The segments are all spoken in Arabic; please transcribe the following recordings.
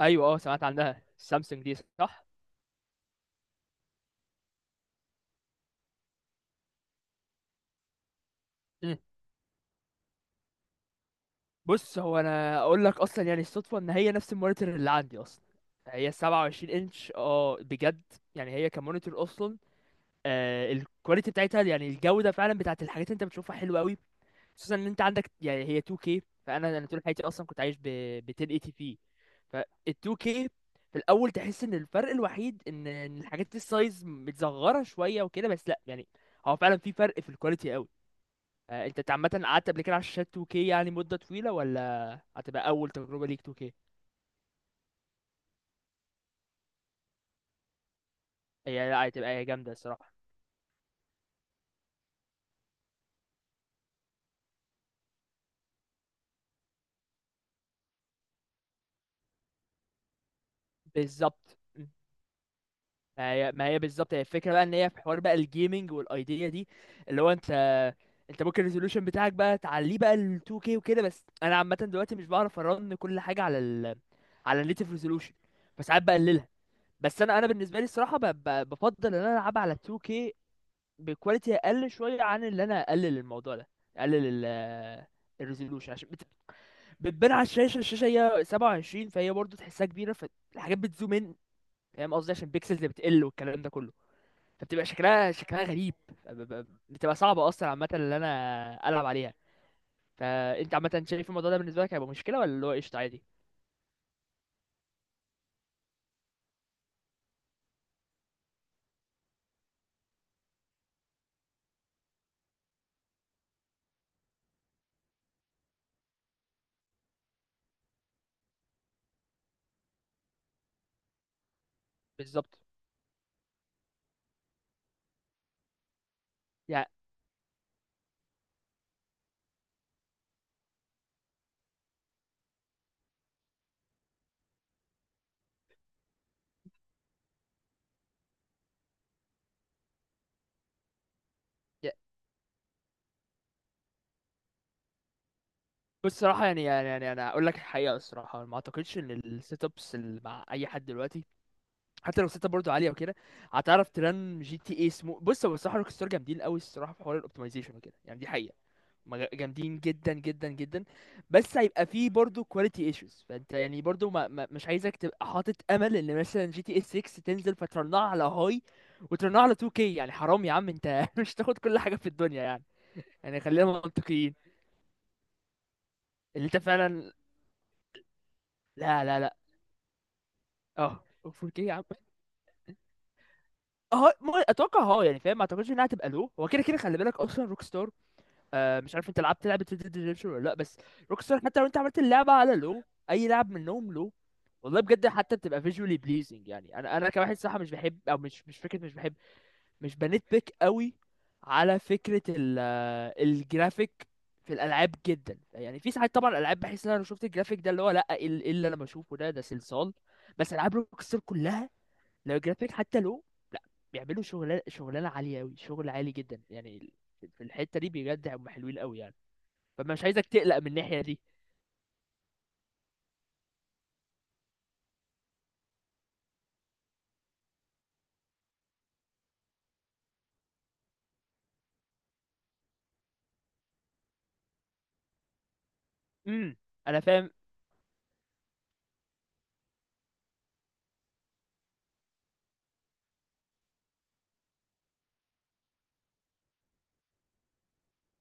ايوه سمعت عنها السامسونج دي صح. مم. بص، هو انا اقول لك اصلا يعني الصدفه ان هي نفس المونيتور اللي عندي اصلا. هي 27 انش بجد. يعني هي كمونيتور اصلا. الكواليتي بتاعتها يعني الجوده فعلا بتاعت الحاجات اللي انت بتشوفها حلوه قوي، خصوصا ان انت عندك يعني هي 2K. فانا طول حياتي اصلا كنت عايش ب 1080 بي، فال 2K في الاول تحس ان الفرق الوحيد إن الحاجات دي السايز متزغره شويه وكده، بس لا يعني هو فعلا في فرق في الكواليتي قوي. انت عامه قعدت قبل كده على الشاشات 2K يعني مده طويله، ولا هتبقى اول تجربه ليك 2K؟ هي لا، هتبقى هي جامده الصراحه. بالظبط. ما هي بالظبط هي الفكره بقى، ان هي في حوار بقى الجيمنج والايديا دي، اللي هو انت ممكن الريزولوشن بتاعك بقى تعليه بقى ل 2K وكده. بس انا عامه دلوقتي مش بعرف ارن كل حاجه على النيتف ريزولوشن، فساعات بقللها. بس انا بالنسبه لي الصراحه بفضل ان انا العبها على 2K بكواليتي اقل شويه، عن اللي انا اقلل الموضوع ده، اقلل الريزولوشن عشان بتبان على الشاشه هي 27، فهي برضه تحسها كبيره، فالحاجات بتزوم، ان فاهم قصدي، عشان البيكسلز بتقل والكلام ده كله، فبتبقى شكلها غريب. بتبقى صعبة أصلا عامة اللي أنا ألعب عليها. فأنت عامة شايف الموضوع ده بالنسبة لك هيبقى مشكلة، ولا اللي هو قشطة عادي؟ بالظبط. يعني يعني- بص الصراحة، يعني أنا أقول لك الحقيقة، الصراحة ما أعتقدش إن السيت أبس اللي مع أي حد دلوقتي، حتى لو السيت أب برضه عالية وكده، هتعرف ترن جي تي اي سمو. بص، هو الصراحة روك ستار جامدين قوي الصراحة في حوار الأوبتمايزيشن وكده، يعني دي حقيقة. جامدين جدا جدا جدا. بس هيبقى فيه برضو كواليتي ايشوز، فانت يعني برضو ما ما مش عايزك تبقى حاطط امل ان مثلا جي تي اس 6 تنزل فترنها على هاي وترنها على 2K. يعني حرام يا عم انت مش تاخد كل حاجة في الدنيا يعني. يعني خلينا منطقيين. اللي انت فعلا. لا لا لا، اه 4K يا عم؟ اه، اتوقع، يعني فاهم، ما اعتقدش انها هتبقى، لو هو كده كده خلي بالك اصلا. روك. مش عارف، انت لعبت لعبه Red Dead Redemption ولا لا؟ بس روكستار حتى لو انت عملت اللعبه على، لو اي لعب منهم، لو والله بجد، حتى بتبقى visually pleasing. يعني انا كواحد صراحه مش بحب، او مش فكره مش بحب، مش بنت بيك قوي على فكره، ال آه، الجرافيك في الالعاب جدا. يعني في ساعات طبعا الالعاب بحس ان انا لو شفت الجرافيك ده، اللي هو لا ايه إيه اللي انا بشوفه ده صلصال. بس العاب روكستار كلها، لو الجرافيك حتى لو، لا، بيعملوا شغلانه عاليه قوي، شغل عالي جدا يعني، في الحته دي بجد هم حلوين قوي يعني. فمش عايزك تقلق من الناحية دي. امم. انا فاهم.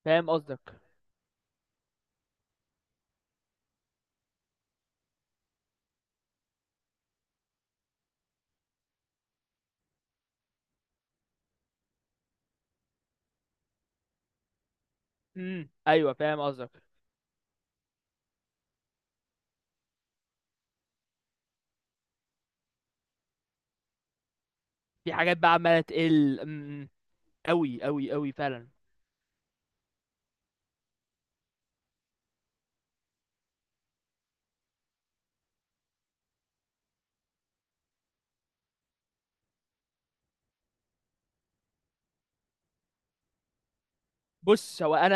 فاهم قصدك. امم، ايوه فاهم قصدك. في حاجات بقى عمالة تقل. امم. قوي قوي قوي فعلا. بص، هو انا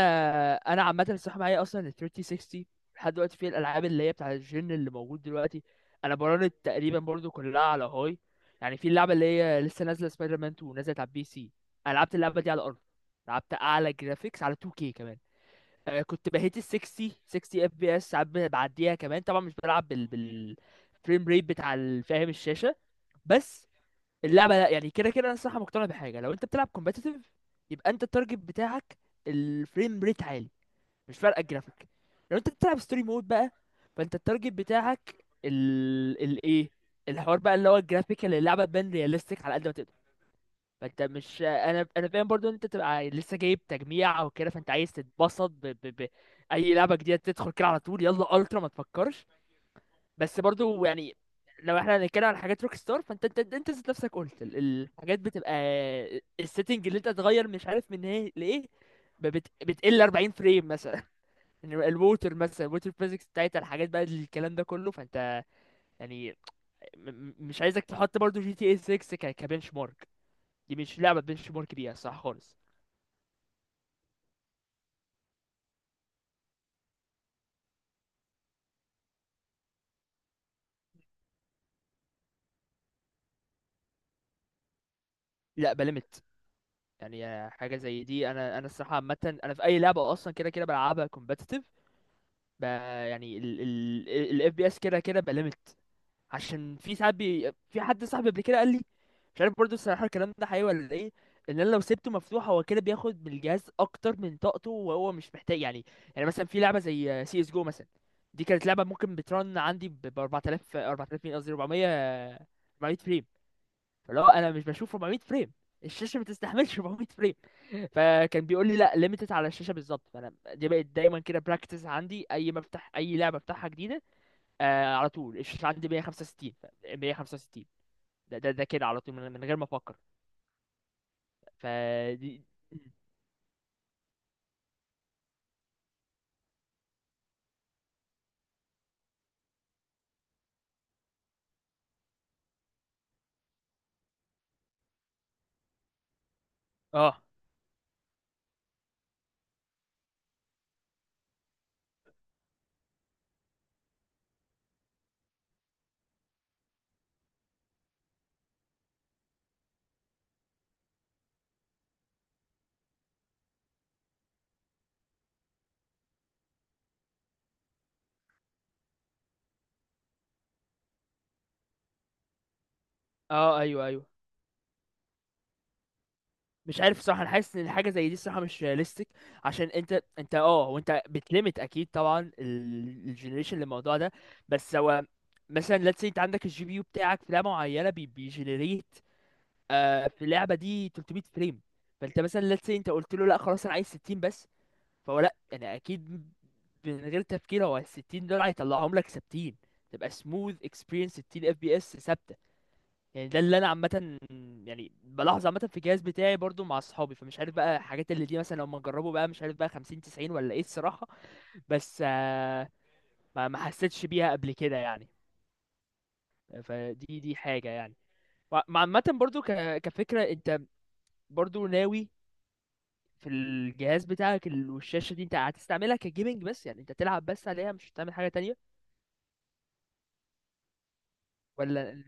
انا عامة الصراحة معايا اصلا ال 3060 لحد دلوقتي، في الالعاب اللي هي بتاع الجن اللي موجود دلوقتي، انا براند تقريبا برضو كلها على هاي. يعني في اللعبة اللي هي لسه نازلة سبايدر مان 2، نزلت على البي سي، انا لعبت اللعبة دي على الارض، لعبت اعلى جرافيكس على 2K كمان. كنت بهيت ال 60، 60 اف بي اس ساعات بعديها كمان، طبعا مش بلعب بال فريم ريت بتاع فاهم الشاشه. بس اللعبه لا، يعني كده كده انا الصراحه مقتنع بحاجه، لو انت بتلعب كومبتيتيف يبقى انت التارجت بتاعك الفريم ريت عالي، مش فارقه الجرافيك. لو انت بتلعب ستوري مود بقى، فانت التارجت بتاعك ال ايه، الحوار بقى اللي هو الجرافيك، اللي اللعبه تبان رياليستيك على قد ما تقدر. فانت مش، انا فاهم برضو ان انت تبقى لسه جايب تجميع او كده، فانت عايز تتبسط اي لعبه جديده تدخل كده على طول، يلا الترا ما تفكرش. بس برضو يعني، لو احنا هنتكلم على حاجات روك ستار، فانت انت انت ذات نفسك قلت الحاجات بتبقى، السيتنج اللي انت تغير مش عارف من ايه لايه، بتقل 40 فريم مثلا الووتر فيزيكس بتاعتها، الحاجات بقى، الكلام ده كله، فانت يعني مش عايزك تحط برضو جي تي اي 6 كبنش مارك، دي مش لعبه بنش مارك بيها صح خالص. لا، بلمت. يعني حاجه زي دي، انا الصراحه عامه، انا في اي لعبه اصلا كده كده بلعبها كومبتيتيف، ب... يعني الاف بي اس كده كده بلمت. عشان في ساعات في حد صاحبي قبل كده قال لي، مش عارف برضه الصراحه الكلام ده حقيقي ولا ايه، ان انا لو سبته مفتوح هو كده بياخد من الجهاز اكتر من طاقته، وهو مش محتاج يعني. يعني مثلا في لعبه زي سي اس جو مثلا، دي كانت لعبه ممكن بترن عندي ب 4000، 4000 مين قصدي 400، 400 فريم، اللي هو انا مش بشوف 400 فريم، الشاشه ما تستحملش 400 فريم. فكان بيقول لي لا ليميتد على الشاشه بالظبط، فانا دي بقت دايما كده براكتس عندي، اي ما افتح اي لعبه افتحها جديده، على طول الشاشه عندي 165، 165. ده كده على طول، من غير ما افكر. فدي. اه اه ايوه ايوه. مش عارف صح، انا حاسس ان حاجه زي دي الصراحه مش رياليستيك، عشان انت وانت بتليمت اكيد طبعا الجنريشن للموضوع ده. بس هو مثلا let's say انت عندك الجي بي يو بتاعك في لعبه معينه بيجنريت في اللعبه دي 300 فريم، فانت مثلا let's say انت قلت له لا خلاص انا عايز 60 بس، فهو لا انا اكيد من غير تفكير هو ال 60 دول هيطلعهم لك ثابتين، تبقى smooth experience 60 اف بي اس ثابته. يعني ده اللي انا عامه يعني بلاحظ عامه في الجهاز بتاعي برضو مع اصحابي، فمش عارف بقى الحاجات اللي دي مثلا لما نجربه بقى، مش عارف بقى 50 90 ولا ايه الصراحه، بس ما ما حسيتش بيها قبل كده يعني. فدي حاجه يعني، مع عامه برضو كفكره انت برضو ناوي في الجهاز بتاعك والشاشه دي انت هتستعملها كجيمنج بس، يعني انت تلعب بس عليها مش هتعمل حاجه تانية، ولا ايه؟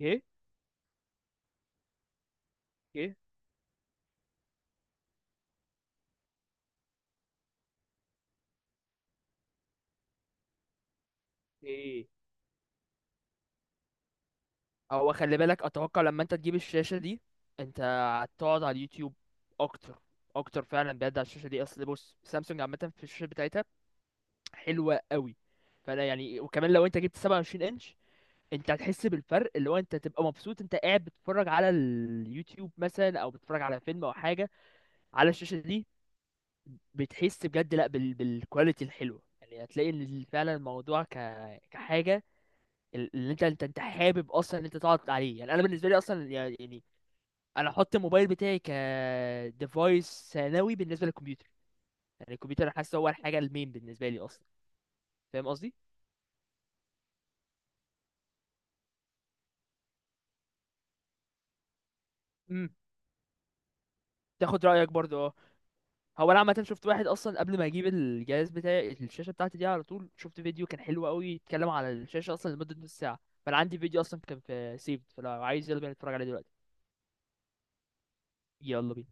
ايه، ايه، إيه؟ هو خلي بالك اتوقع لما انت تجيب الشاشة دي، انت هتقعد على اليوتيوب اكتر اكتر فعلا بجد، على الشاشة دي اصل، بص سامسونج عامة في الشاشة بتاعتها حلوة قوي. فانا يعني وكمان لو انت جبت 27 انش، انت هتحس بالفرق، اللي هو انت تبقى مبسوط انت قاعد بتتفرج على اليوتيوب مثلا، او بتتفرج على فيلم او حاجة على الشاشة دي، بتحس بجد لا بالكواليتي الحلوة، يعني هتلاقي ان فعلا الموضوع كحاجة اللي انت حابب اصلا ان انت تقعد عليه. يعني انا بالنسبه لي اصلا، يعني انا احط الموبايل بتاعي ك ديفايس ثانوي بالنسبه للكمبيوتر، يعني الكمبيوتر انا حاسه هو الحاجه المين بالنسبه لي اصلا، فاهم قصدي؟ امم. تاخد رايك برضو اه. هو انا عامه شفت واحد اصلا قبل ما اجيب الجهاز بتاعي الشاشه بتاعتي دي، على طول شفت فيديو كان حلو قوي يتكلم على الشاشه اصلا لمده نص ساعه، فانا عندي فيديو اصلا كان في سيفد، فلو عايز يلا بينا نتفرج عليه دلوقتي. يلا بينا.